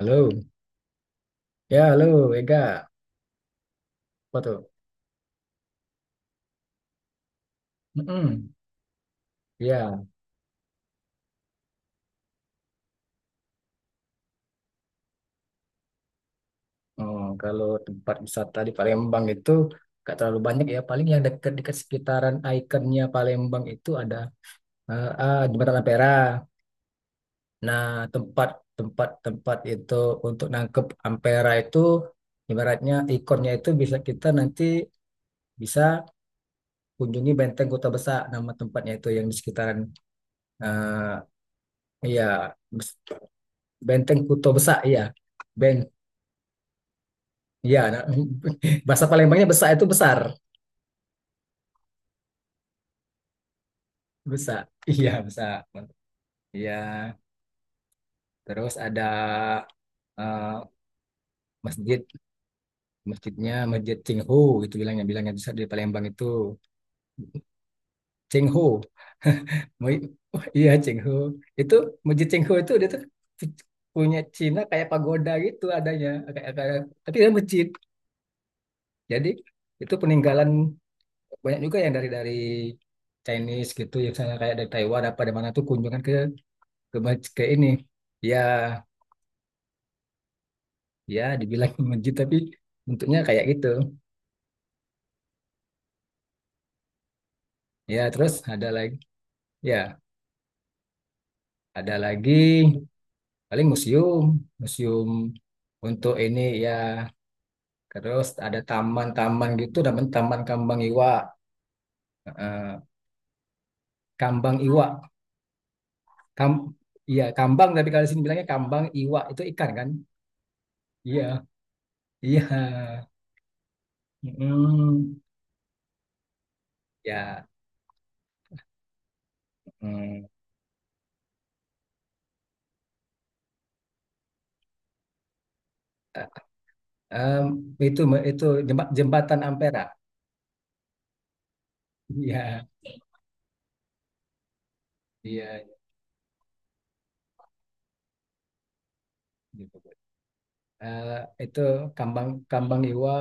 Halo, ya halo Ega, apa tuh? Mm-mm. Ya, oh, kalau tempat wisata di Palembang itu nggak terlalu banyak ya, paling yang dekat-dekat sekitaran ikonnya Palembang itu ada Jembatan Ampera. Nah, tempat tempat tempat itu untuk nangkep Ampera itu ibaratnya ikonnya itu bisa kita nanti bisa kunjungi Benteng Kota Besar nama tempatnya itu yang di sekitaran eh, ya Benteng Kota Besar ya. Iya, nah, bahasa Palembangnya besak itu besar, besak. Iya, besak. Iya, terus ada eh, masjid, masjidnya Masjid Cingho itu bilangnya di Palembang itu Cingho. Mu- Iya, Cingho. Itu Masjid Cingho itu dia tuh punya Cina kayak pagoda gitu adanya, kayak tapi dia masjid. Jadi itu peninggalan banyak juga yang dari Chinese gitu, ya misalnya kayak dari Taiwan apa dari mana tuh kunjungan ke ini ya ya dibilang masjid tapi bentuknya kayak gitu ya terus ya ada lagi paling museum museum untuk ini ya terus ada taman-taman gitu namanya taman kambang iwa. Eh, kambang iwa kam iya kambang tapi kalau di sini bilangnya kambang iwa itu ikan kan iya iya. Mm, ya mm. Em, itu itu jembatan Ampera. Iya. Iya, gitu, Bu. Eh, itu Kambang Kambang Iwa,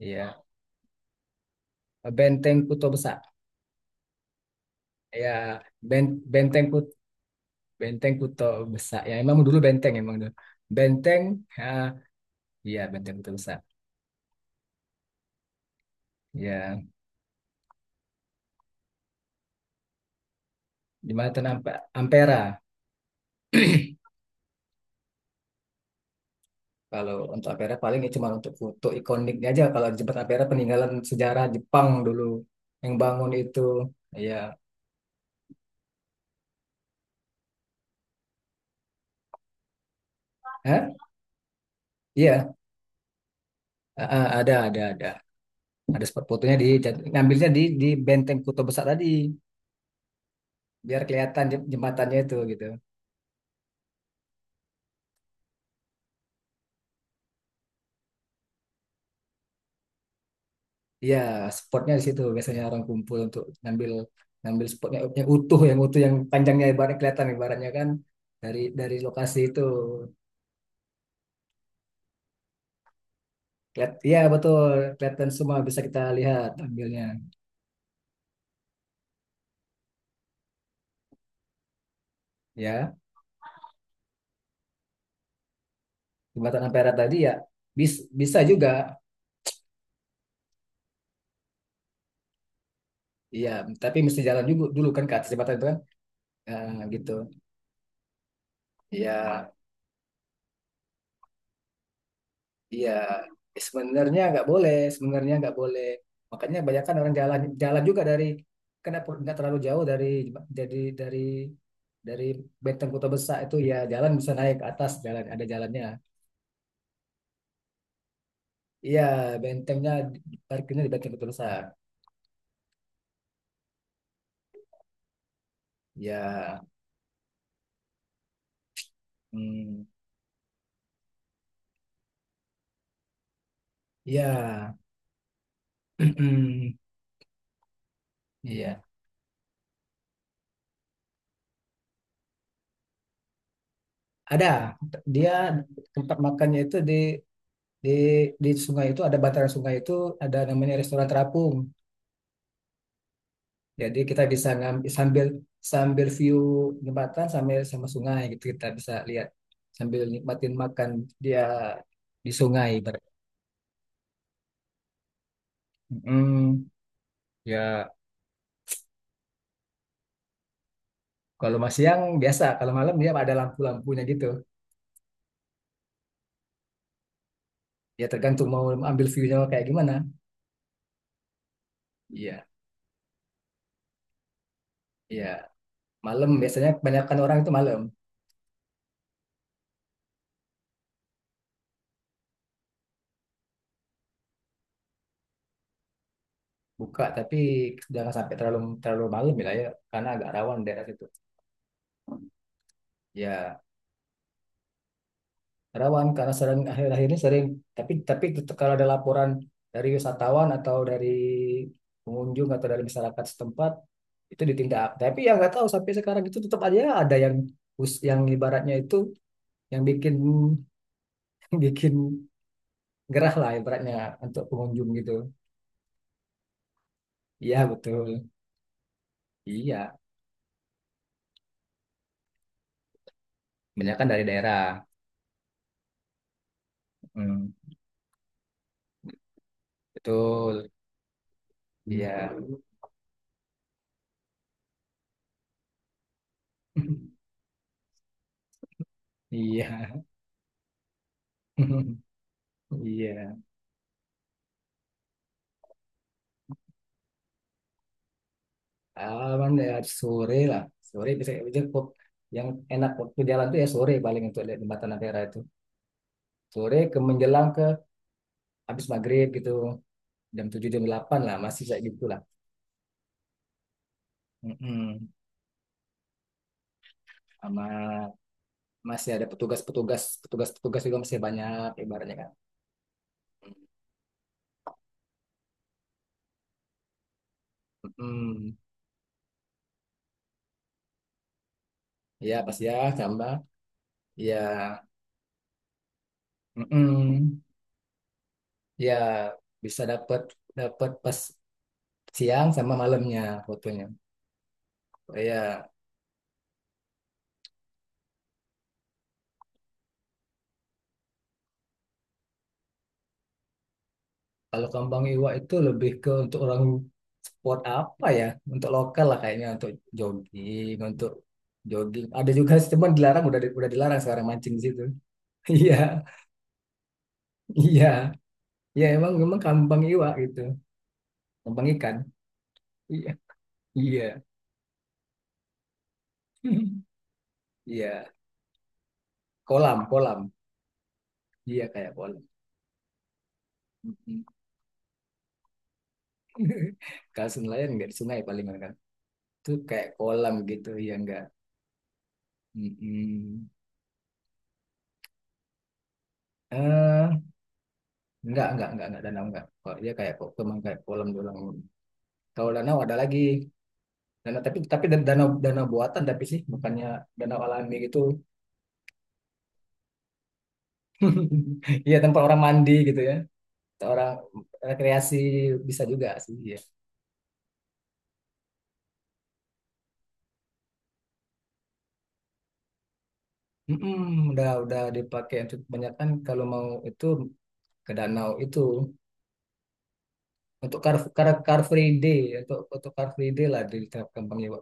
ya Benteng Kuto Besak, ya ben, Benteng Kut Benteng Kuto Besak, ya emang dulu benteng, ya, iya Benteng Kuto Besak, ya di mana nampak Ampera kalau untuk Ampera paling ya cuma untuk foto ikoniknya aja kalau di Jembatan Ampera peninggalan sejarah Jepang dulu yang bangun itu, ya. Hah? Iya, eh, eh, ada ada ada ada spot fotonya ngambilnya di Benteng Kuto besar tadi. Biar kelihatan jembatannya itu gitu. Iya, spotnya di situ biasanya orang kumpul untuk ngambil ngambil spotnya yang utuh, yang panjangnya ibaratnya kelihatan ibaratnya kan dari lokasi itu. Lihat, iya betul, kelihatan semua bisa kita lihat ambilnya. Ya, jembatan Ampera tadi ya bis, bisa juga. Iya, tapi mesti jalan juga dulu kan ke atas jembatan itu kan. Nah, gitu. Iya. Iya, sebenarnya nggak boleh, sebenarnya nggak boleh. Makanya banyak kan orang jalan jalan juga dari kenapa nggak terlalu jauh dari jadi dari dari Benteng Kota Besar itu ya jalan bisa naik ke atas jalan ada jalannya. Iya, bentengnya parkirnya di Benteng Kota Besar. Ya, hmm, ya, iya. Ada dia tempat makannya itu di di sungai itu ada bantaran sungai itu ada namanya restoran terapung. Jadi kita bisa ngambil sambil sambil view jembatan sambil sama sungai gitu kita bisa lihat sambil nikmatin makan dia di sungai, ibarat. Mm, ya kalau masih siang biasa, kalau malam dia ada lampu-lampunya gitu. Ya tergantung mau ambil view-nya kayak gimana. Iya, iya. Malam biasanya kebanyakan orang itu malam buka tapi jangan sampai terlalu terlalu malam ya, ya karena agak rawan daerah situ. Ya. Rawan karena sering akhir-akhir ini sering tapi tetap kalau ada laporan dari wisatawan atau dari pengunjung atau dari masyarakat setempat itu ditindak tapi ya nggak tahu sampai sekarang itu tetap aja ada yang ibaratnya itu yang bikin bikin gerah lah ibaratnya untuk pengunjung gitu iya betul iya banyak kan dari daerah. Hmm, betul iya iya iya. Aman ya sore lah. Sore bisa cukup. Yang enak waktu jalan tuh ya sore paling untuk lihat jembatan Ampera itu. Sore ke menjelang ke habis maghrib gitu. Jam 7 jam 8 lah masih kayak gitu lah. Mm-mm. Sama masih ada petugas-petugas petugas-petugas juga masih banyak ibaratnya kan. Mm-mm. Ya pasti ya tambah ya mm-mm. Ya bisa dapat dapat pas siang sama malamnya fotonya. Oh, ya. Kalau kambang iwa itu lebih ke untuk orang sport apa ya? Untuk lokal lah kayaknya untuk jogging, untuk jogging. Ada juga sih, cuman dilarang udah dilarang sekarang mancing di situ. Iya, iya. Iya emang emang kambang iwa gitu. Kambang ikan. Iya, iya. Iya, kolam, kolam. Iya kayak kolam. Kalau nelayan nggak di sungai palingan kan. Itu kayak kolam gitu, ya enggak. Mm. Enggak danau enggak. Kok dia kayak kok cuman kayak kolam doang. Kalau danau ada lagi. Danau tapi danau danau buatan tapi sih bukannya danau alami gitu. Iya tempat orang mandi gitu ya. Orang rekreasi bisa juga sih ya. Mm-mm, udah dipakai untuk kebanyakan kalau mau itu ke danau itu untuk car car car free day untuk car free day lah di Kampung Iwak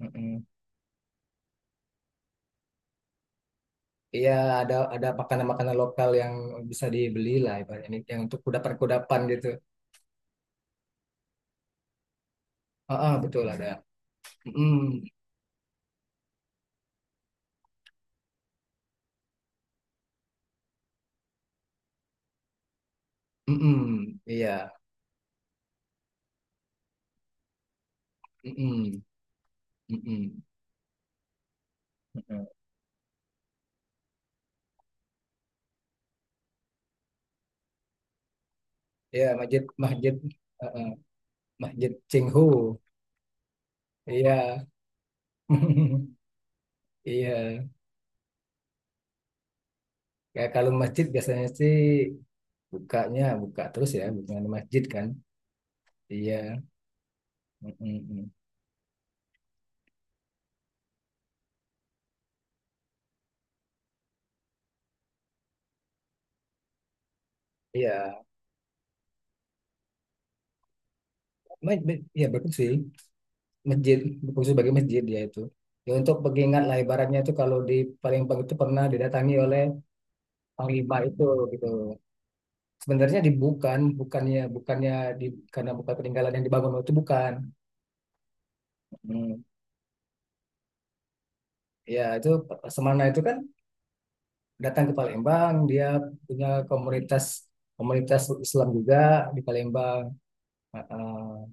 itu. Iya, ada makanan-makanan lokal yang bisa dibeli lah, ibaratnya yang untuk kudapan-kudapan gitu. Ah, ah, betul ada. Mm-mm, iya, mm-mm, mm mm. Iya, masjid masjid ah, ah, masjid Cinghu. Iya, iya. Kayak kalau masjid biasanya sih bukanya buka terus ya, bukan masjid kan? Iya, mm-mm, mm. Mm. Iya, iya bagus sih. Masjid berfungsi sebagai masjid ya itu ya untuk pengingat lah ibaratnya itu kalau di Palembang itu pernah didatangi oleh panglima itu gitu sebenarnya dibukan bukannya bukannya di karena bukan peninggalan yang dibangun itu bukan. Hmm. Ya itu Semana itu kan datang ke Palembang dia punya komunitas komunitas Islam juga di Palembang. Ah, ah.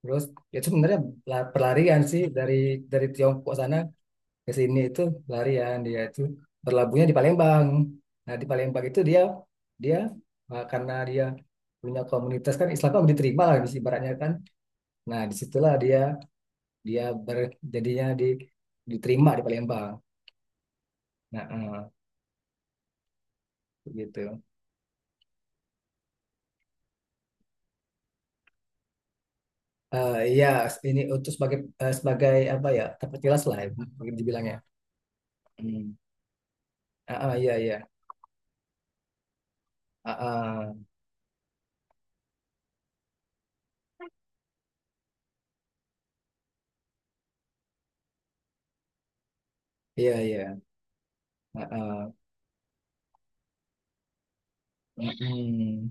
Terus ya itu sebenarnya pelarian sih dari Tiongkok sana ke sini itu larian dia itu berlabuhnya di Palembang. Nah di Palembang itu dia dia karena dia punya komunitas kan Islam kan diterima lah di ibaratnya kan. Nah disitulah dia dia berjadinya di diterima di Palembang. Nah gitu. Iya ini untuk sebagai apa ya tempat tilas lah ya, mungkin dibilangnya. Hmm. Ah, ah, iya iya. Ah, ah, iya iya. Ah, ah. Mm-mm.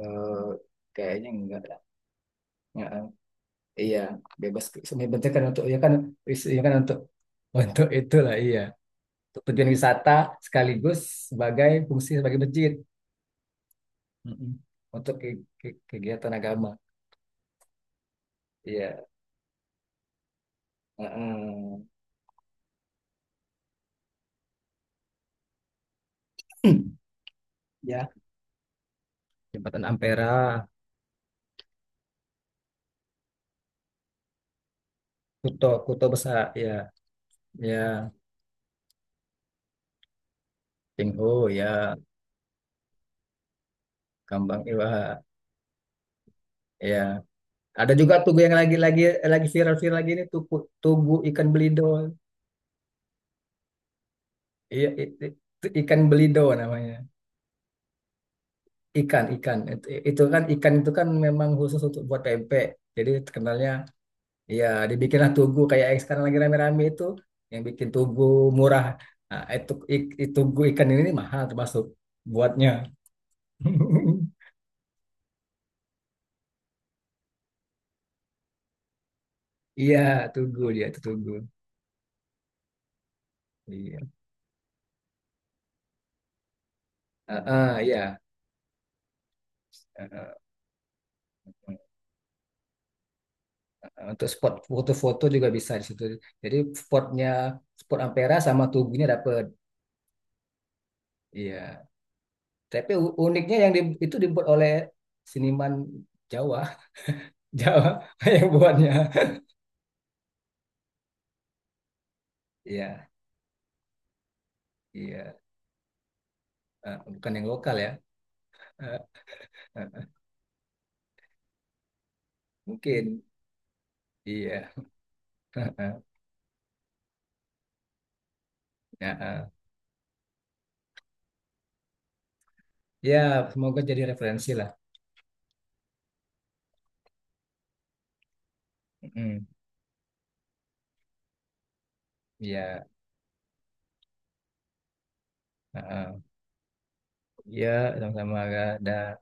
Eh, kayaknya enggak lah. Iya, bebas sebenarnya kan untuk ya kan isinya kan untuk itulah iya. Untuk tujuan wisata sekaligus sebagai fungsi sebagai masjid. Mm-mm. Untuk kegiatan agama. Iya. Mm-mm. Ya, Jembatan Ampera, Kuto Kuto besar ya, ya Tingho ya, Kambang Iwa ya. Ada juga tugu yang lagi viral-viral lagi ini tugu, tugu ikan belidol. Iya, ikan belido namanya. Ikan, ikan. Itu, kan ikan itu kan memang khusus untuk buat pempek. Jadi terkenalnya ya dibikinlah tugu kayak yang sekarang lagi rame-rame itu yang bikin tugu murah. Nah, itu tugu ikan ini nih mahal termasuk buatnya. Iya, tugu dia itu tugu. Iya. Ah, ah, iya. Eh, untuk spot foto-foto juga bisa di situ. Jadi spotnya spot Ampera sama Tugunya dapat. Iya. Tapi uniknya yang itu dibuat oleh seniman Jawa. Jawa yang buatnya. Iya, iya. Bukan yang lokal ya. Eh, eh, mungkin. Iya. Ya, eh. Ya, semoga jadi referensi lah. Mm, Iya. Eh, eh. Iya, sama-sama ada.